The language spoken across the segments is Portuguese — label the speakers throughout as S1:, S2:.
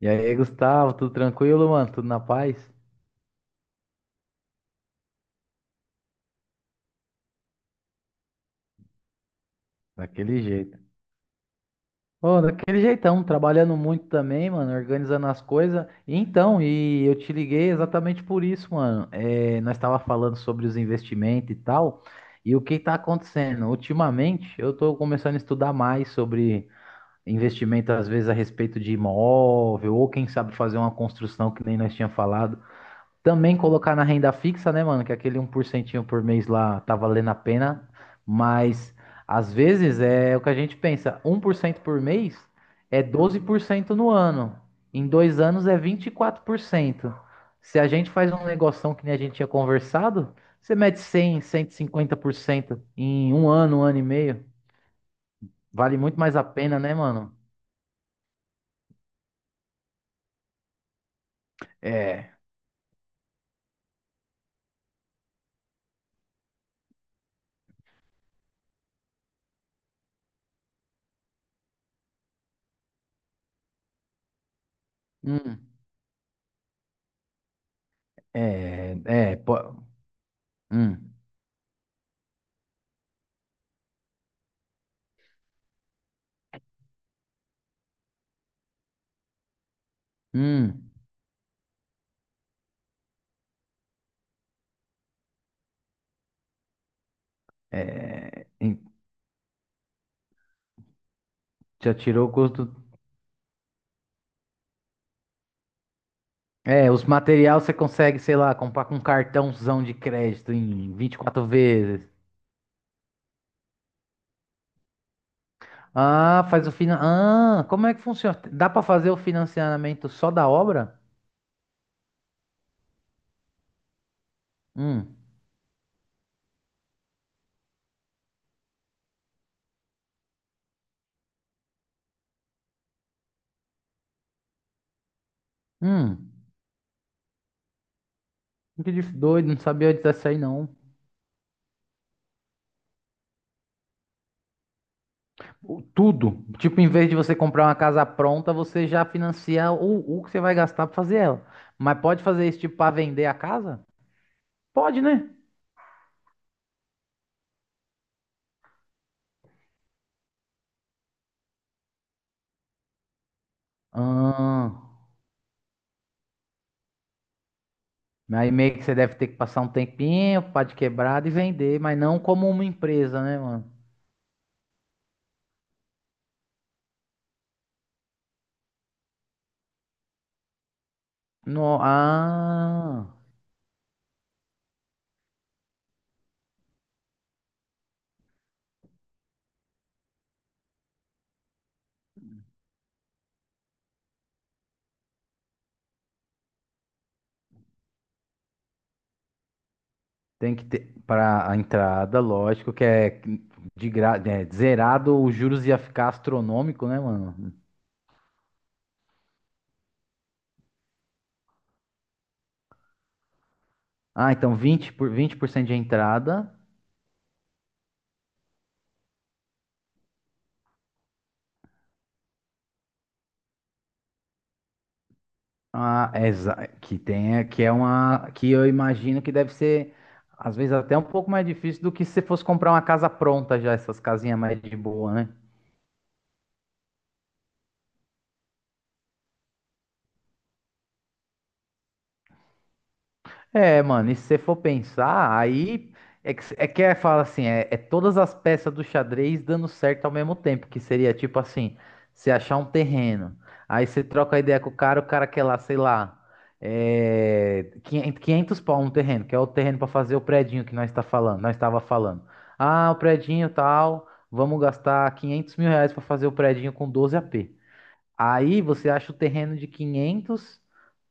S1: E aí, Gustavo, tudo tranquilo, mano? Tudo na paz? Daquele jeito. Ô, daquele jeitão, trabalhando muito também, mano, organizando as coisas. Então, e eu te liguei exatamente por isso, mano. Nós estava falando sobre os investimentos e tal. E o que está acontecendo? Ultimamente, eu estou começando a estudar mais sobre investimento, às vezes, a respeito de imóvel, ou quem sabe fazer uma construção que nem nós tínhamos falado. Também colocar na renda fixa, né, mano? Que aquele 1% por mês lá tá valendo a pena. Mas às vezes é o que a gente pensa: 1% por mês é 12% no ano. Em 2 anos é 24%. Se a gente faz um negoção que nem a gente tinha conversado, você mete 100, 150% em um ano e meio. Vale muito mais a pena, né, mano? É. Hum. É. É. Hum. Hum. É, já tirou o custo? É, os materiais você consegue, sei lá, comprar com um cartãozão de crédito em 24 vezes. Ah, faz o finan... Ah, como é que funciona? Dá pra fazer o financiamento só da obra? Hum, hum. Doido, não sabia disso aí não. Tudo. Tipo, em vez de você comprar uma casa pronta, você já financia o que você vai gastar pra fazer ela. Mas pode fazer isso, tipo, pra vender a casa? Pode, né? Ah. Aí meio que você deve ter que passar um tempinho, pá de quebrada e vender, mas não como uma empresa, né, mano? No, ah, tem que ter para a entrada, lógico que é zerado, os juros ia ficar astronômico, né, mano? Ah, então vinte por 20% de entrada, é que tem, que é uma que eu imagino que deve ser às vezes até um pouco mais difícil do que se você fosse comprar uma casa pronta já, essas casinhas mais de boa, né? É, mano, e se você for pensar, aí fala assim, é todas as peças do xadrez dando certo ao mesmo tempo, que seria tipo assim, você achar um terreno, aí você troca a ideia com o cara quer lá, sei lá, 500 pau um terreno, que é o terreno para fazer o predinho que nós estava falando. Ah, o predinho tal, vamos gastar 500 mil reais para fazer o predinho com 12 p. Aí você acha o terreno de 500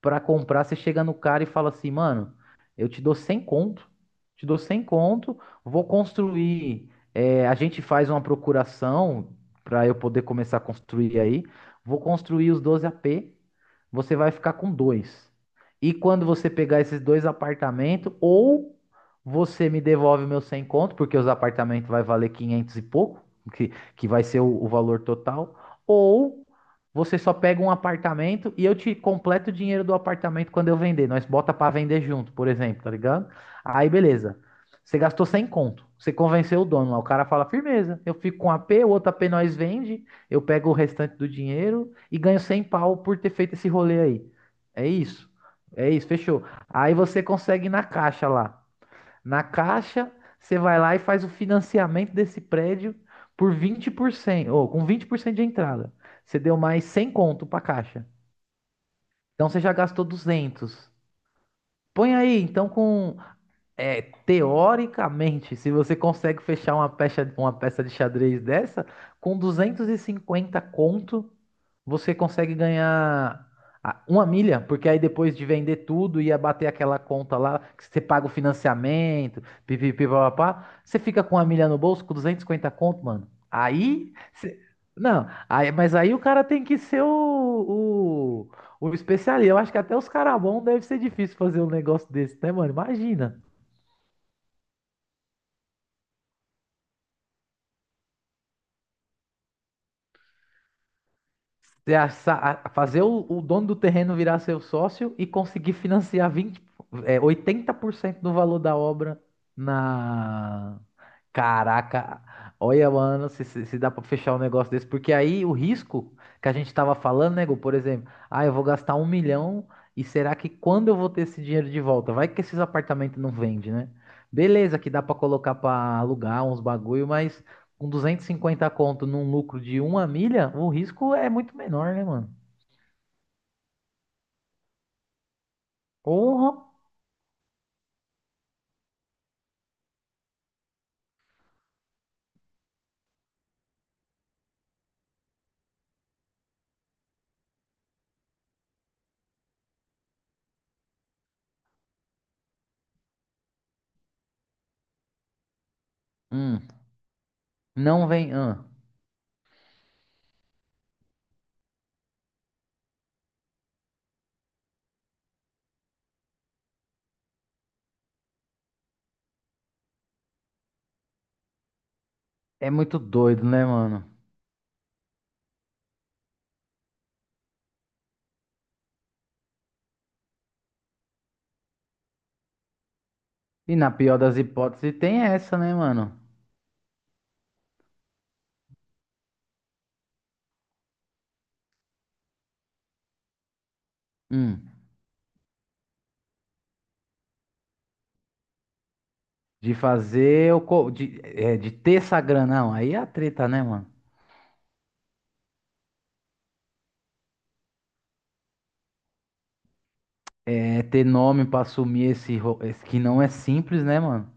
S1: para comprar, você chega no cara e fala assim, mano, eu te dou 100 conto, te dou 100 conto, vou construir, a gente faz uma procuração para eu poder começar a construir aí, vou construir os 12 AP, você vai ficar com dois. E quando você pegar esses dois apartamentos, ou você me devolve meus 100 conto, porque os apartamentos vai valer 500 e pouco, que vai ser o valor total, ou você só pega um apartamento e eu te completo o dinheiro do apartamento quando eu vender. Nós bota pra vender junto, por exemplo, tá ligado? Aí beleza. Você gastou 100 conto. Você convenceu o dono lá. O cara fala, firmeza. Eu fico com um a P, o outro a P nós vende. Eu pego o restante do dinheiro e ganho 100 pau por ter feito esse rolê aí. É isso. É isso, fechou. Aí você consegue ir na caixa lá. Na Caixa, você vai lá e faz o financiamento desse prédio por 20% ou com 20% de entrada. Você deu mais 100 conto para a Caixa. Então você já gastou 200. Põe aí, então teoricamente, se você consegue fechar uma peça de xadrez dessa com 250 conto, você consegue ganhar uma milha, porque aí depois de vender tudo e abater aquela conta lá, que você paga o financiamento, pipipipapá, você fica com uma milha no bolso, com 250 conto, mano. Não, aí, mas aí o cara tem que ser o especialista. Eu acho que até os caras bons deve ser difícil fazer um negócio desse, né, mano? Imagina. ter essa- Fazer o dono do terreno virar seu sócio e conseguir financiar 20, 80% do valor da obra. Na. Caraca, olha, mano, se dá pra fechar um negócio desse, porque aí o risco que a gente tava falando, nego, por exemplo, ah, eu vou gastar 1 milhão e será que quando eu vou ter esse dinheiro de volta? Vai que esses apartamentos não vendem, né? Beleza, que dá pra colocar pra alugar uns bagulho, mas com 250 conto num lucro de uma milha, o risco é muito menor, né, mano? Porra! Hum, não vem. É muito doido, né, mano? E na pior das hipóteses tem essa, né, mano? Hum, de fazer o. co- De, é, de ter essa grana. Não, aí é a treta, né, mano? É ter nome pra assumir esse que não é simples, né, mano?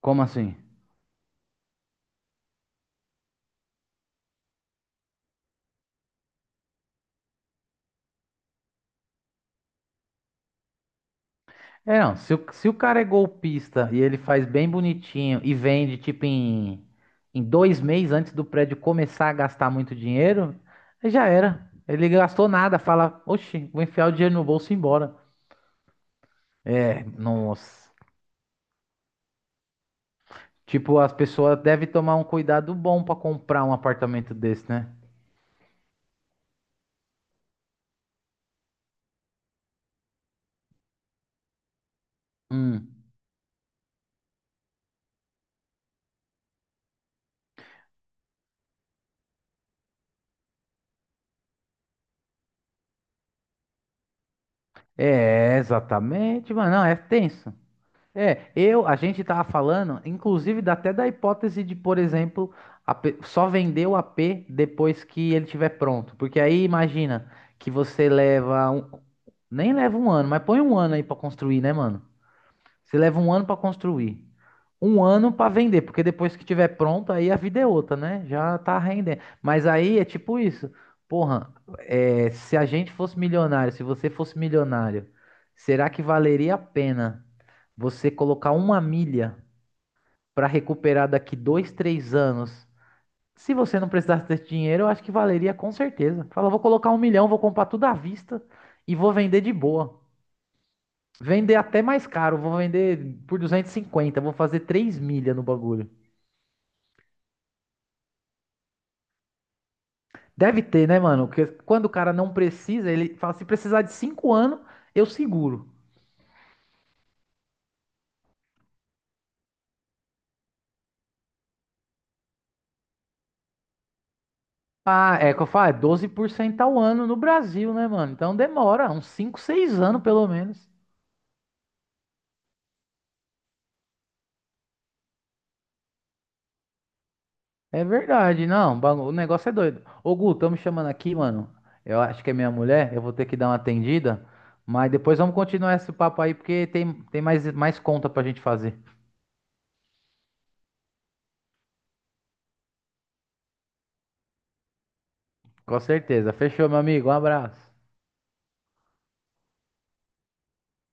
S1: Como assim? É, não, se o, se o cara é golpista e ele faz bem bonitinho e vende, tipo, em 2 meses antes do prédio começar a gastar muito dinheiro, aí já era. Ele gastou nada, fala, oxi, vou enfiar o dinheiro no bolso e ir embora. É, nossa. Tipo, as pessoas devem tomar um cuidado bom pra comprar um apartamento desse, né? Hum. É, exatamente, mano. Não, é tenso. É, eu, a gente tava falando, inclusive, dá até da hipótese de, por exemplo, só vender o AP depois que ele tiver pronto. Porque aí imagina que você nem leva um ano, mas põe um ano aí pra construir, né, mano? Você leva um ano para construir, um ano para vender, porque depois que tiver pronto, aí a vida é outra, né? Já tá rendendo. Mas aí é tipo isso. Porra, se a gente fosse milionário, se você fosse milionário, será que valeria a pena você colocar uma milha para recuperar daqui 2, 3 anos? Se você não precisasse desse dinheiro, eu acho que valeria com certeza. Fala, vou colocar 1 milhão, vou comprar tudo à vista e vou vender de boa. Vender até mais caro, vou vender por 250, vou fazer 3 milhas no bagulho. Deve ter, né, mano? Porque quando o cara não precisa, ele fala, se precisar de 5 anos, eu seguro. Ah, é que eu falo, é 12% ao ano no Brasil, né, mano? Então demora uns cinco, 6 anos pelo menos. É verdade, não, o negócio é doido. Ô, Gu, tão me chamando aqui, mano. Eu acho que é minha mulher, eu vou ter que dar uma atendida, mas depois vamos continuar esse papo aí, porque tem mais conta pra gente fazer. Com certeza. Fechou, meu amigo. Um abraço.